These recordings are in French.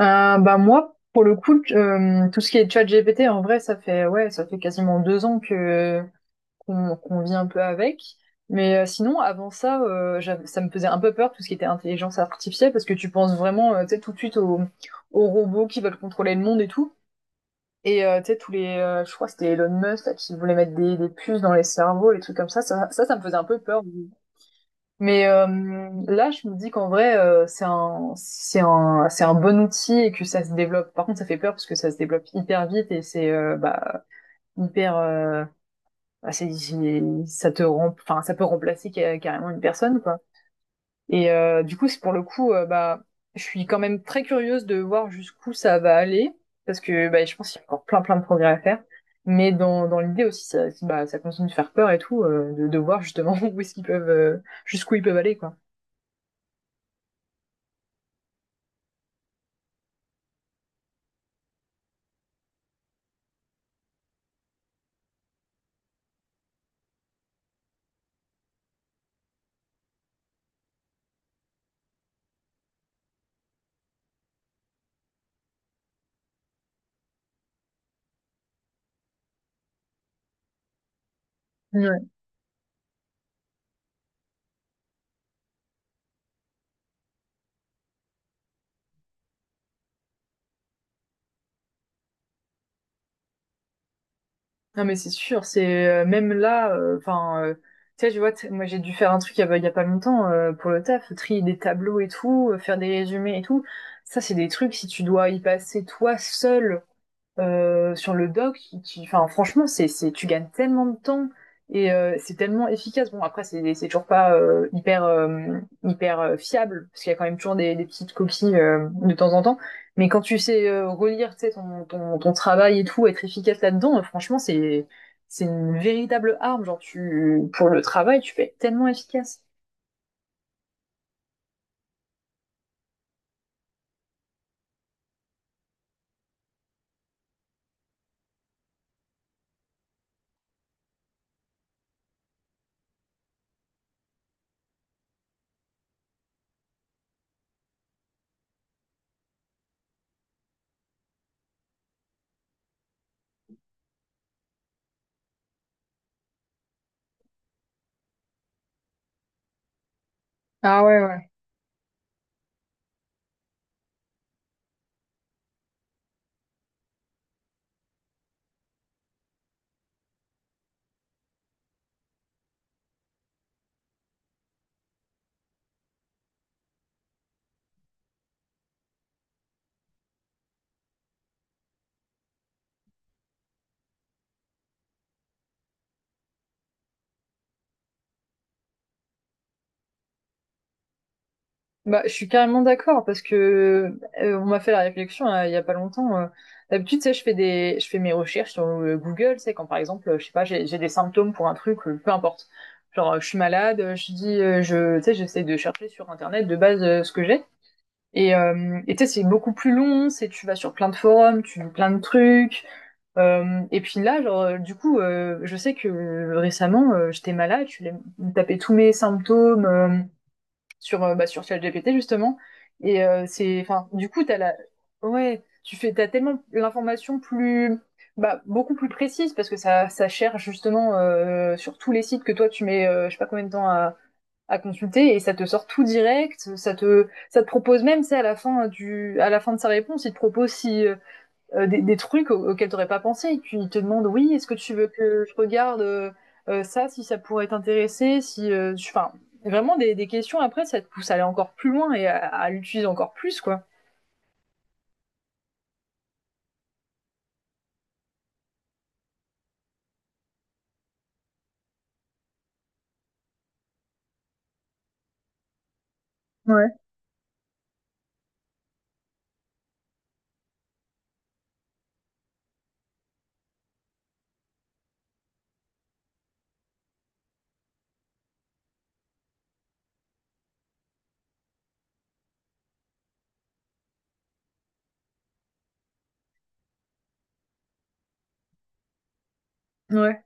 Bah moi, pour le coup, tout ce qui est ChatGPT, en vrai, ça fait ouais, ça fait quasiment 2 ans que qu'on vit un peu avec. Mais sinon, avant ça, ça me faisait un peu peur tout ce qui était intelligence artificielle parce que tu penses vraiment, tu sais, tout de suite aux robots qui veulent contrôler le monde et tout. Et tu sais, je crois que c'était Elon Musk là, qui voulait mettre des puces dans les cerveaux, les trucs comme ça. Ça me faisait un peu peur. Mais là, je me dis qu'en vrai, c'est un bon outil et que ça se développe. Par contre, ça fait peur parce que ça se développe hyper vite et c'est bah, hyper, bah, c'est- ça te rem- enfin, ça peut remplacer carrément une personne, quoi. Et du coup, c'est pour le coup, je suis quand même très curieuse de voir jusqu'où ça va aller parce que bah, je pense qu'il y a encore plein de progrès à faire. Mais dans l'idée aussi, ça, bah, ça continue de faire peur et tout, de voir justement où est-ce qu'ils peuvent, jusqu'où ils peuvent aller, quoi. Ouais. Non mais c'est sûr, c'est même là, enfin, tu sais, je vois, moi j'ai dû faire un truc il y a pas longtemps pour le taf, trier des tableaux et tout, faire des résumés et tout. Ça c'est des trucs si tu dois y passer toi seul sur le doc qui, enfin franchement c'est tu gagnes tellement de temps et c'est tellement efficace, bon après c'est toujours pas hyper fiable parce qu'il y a quand même toujours des petites coquilles de temps en temps, mais quand tu sais relire tu sais ton ton travail et tout être efficace là-dedans, franchement c'est une véritable arme, genre tu pour le travail tu peux être tellement efficace. Ah ouais, ouais. Bah, je suis carrément d'accord parce que on m'a fait la réflexion il y a pas longtemps. D'habitude, tu sais, je fais mes recherches sur Google, c'est quand par exemple, je sais pas, j'ai des symptômes pour un truc, peu importe. Genre, je suis malade, tu sais, j'essaie de chercher sur Internet de base ce que j'ai. Et tu sais, c'est beaucoup plus long, c'est tu vas sur plein de forums, tu lis plein de trucs. Et puis là, genre, du coup, je sais que récemment, j'étais malade, je suis allée me taper tous mes symptômes, sur ChatGPT justement. Et du coup, ouais, t'as tellement l'information beaucoup plus précise parce que ça cherche justement sur tous les sites que toi tu mets, je sais pas combien de temps à consulter, et ça te sort tout direct. Ça te propose même, c'est à la fin à la fin de sa réponse, il te propose si, trucs auxquels t'aurais pas pensé. Et puis ils te demandent, oui, est-ce que tu veux que je regarde ça, si ça pourrait t'intéresser, si, tu... enfin, vraiment des questions. Après, ça te pousse à aller encore plus loin et à l'utiliser encore plus, quoi. Ouais. Ouais.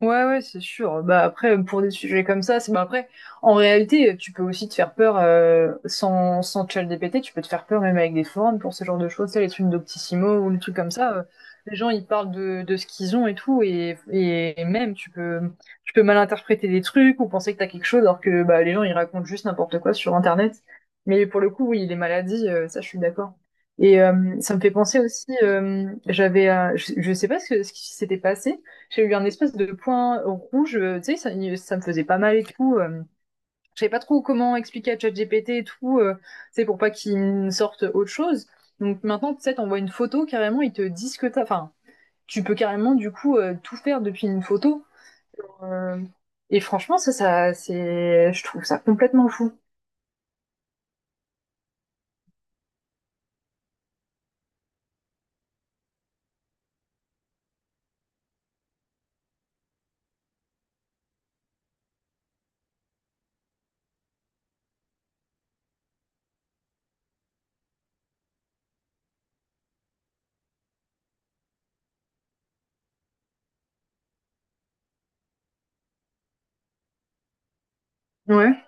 Ouais, ouais, c'est sûr. Bah après, pour des sujets comme ça, c'est bah après, en réalité, tu peux aussi te faire peur sans ChatGPT, tu peux te faire peur même avec des forums pour ce genre de choses, tu sais, les trucs d'Optissimo ou les trucs comme ça. Les gens, ils parlent de ce qu'ils ont et tout, et et même tu peux mal interpréter des trucs ou penser que t'as quelque chose alors que bah les gens ils racontent juste n'importe quoi sur Internet. Mais pour le coup, oui, les maladies, ça, je suis d'accord. Et ça me fait penser aussi, je sais pas ce que- ce qui s'était passé, j'ai eu un espèce de point rouge, tu sais, ça me faisait pas mal et tout. Je savais pas trop comment expliquer à ChatGPT et tout, tu sais, pour pas qu'il me sorte autre chose. Donc maintenant, tu sais, t'envoies une photo carrément, ils te disent que t'as. Enfin, tu peux carrément du coup tout faire depuis une photo. Euh, et franchement, je trouve ça complètement fou. Ouais.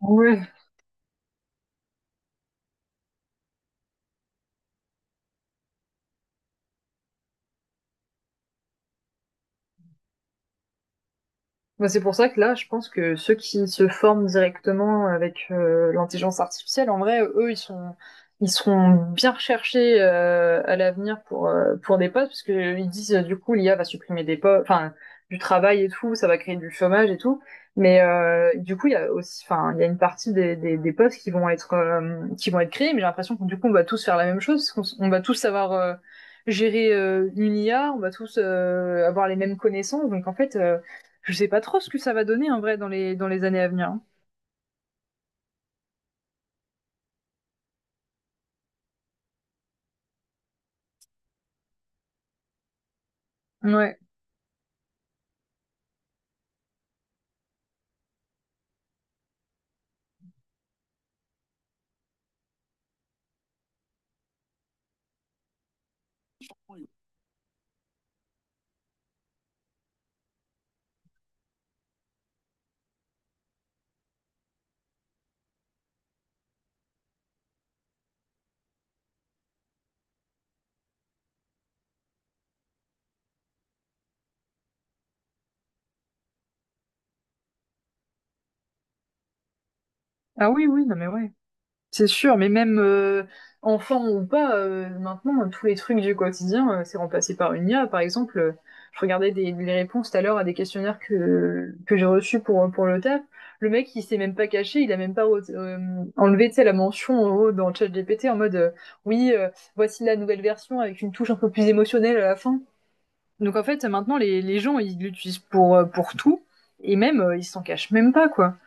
Ouais. Bah, c'est pour ça que là, je pense que ceux qui se forment directement avec l'intelligence artificielle, en vrai, ils seront bien recherchés à l'avenir pour des postes, parce que ils disent du coup l'IA va supprimer des postes, enfin du travail et tout, ça va créer du chômage et tout. Mais du coup, il y a aussi, enfin, il y a une partie des postes qui vont être créés, mais j'ai l'impression que du coup, on va tous faire la même chose, parce qu'on on va tous savoir gérer une IA, on va tous avoir les mêmes connaissances, donc en fait. Je sais pas trop ce que ça va donner en vrai dans les années à venir. Hein. Ouais. Ah oui, oui, non mais ouais. C'est sûr, mais même enfant ou pas, maintenant, tous les trucs du quotidien, c'est remplacé par une IA. Par exemple, je regardais les réponses tout à l'heure à des questionnaires que j'ai reçus pour le taf. Le mec, il s'est même pas caché, il a même pas enlevé, tu sais, la mention en haut dans ChatGPT en mode oui, voici la nouvelle version avec une touche un peu plus émotionnelle à la fin. Donc en fait, maintenant, les gens, ils l'utilisent pour tout, et même, ils s'en cachent même pas, quoi.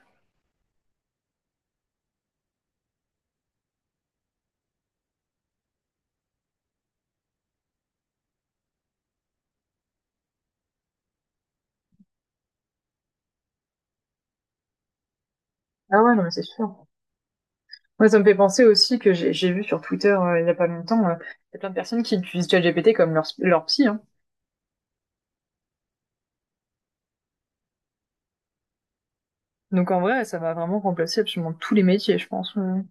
Ah ouais, non, mais c'est sûr. Moi, ça me fait penser aussi que j'ai vu sur Twitter il y a pas longtemps, il y a plein de personnes qui utilisent ChatGPT comme leur psy. Hein. Donc en vrai, ça va vraiment remplacer absolument tous les métiers, je pense.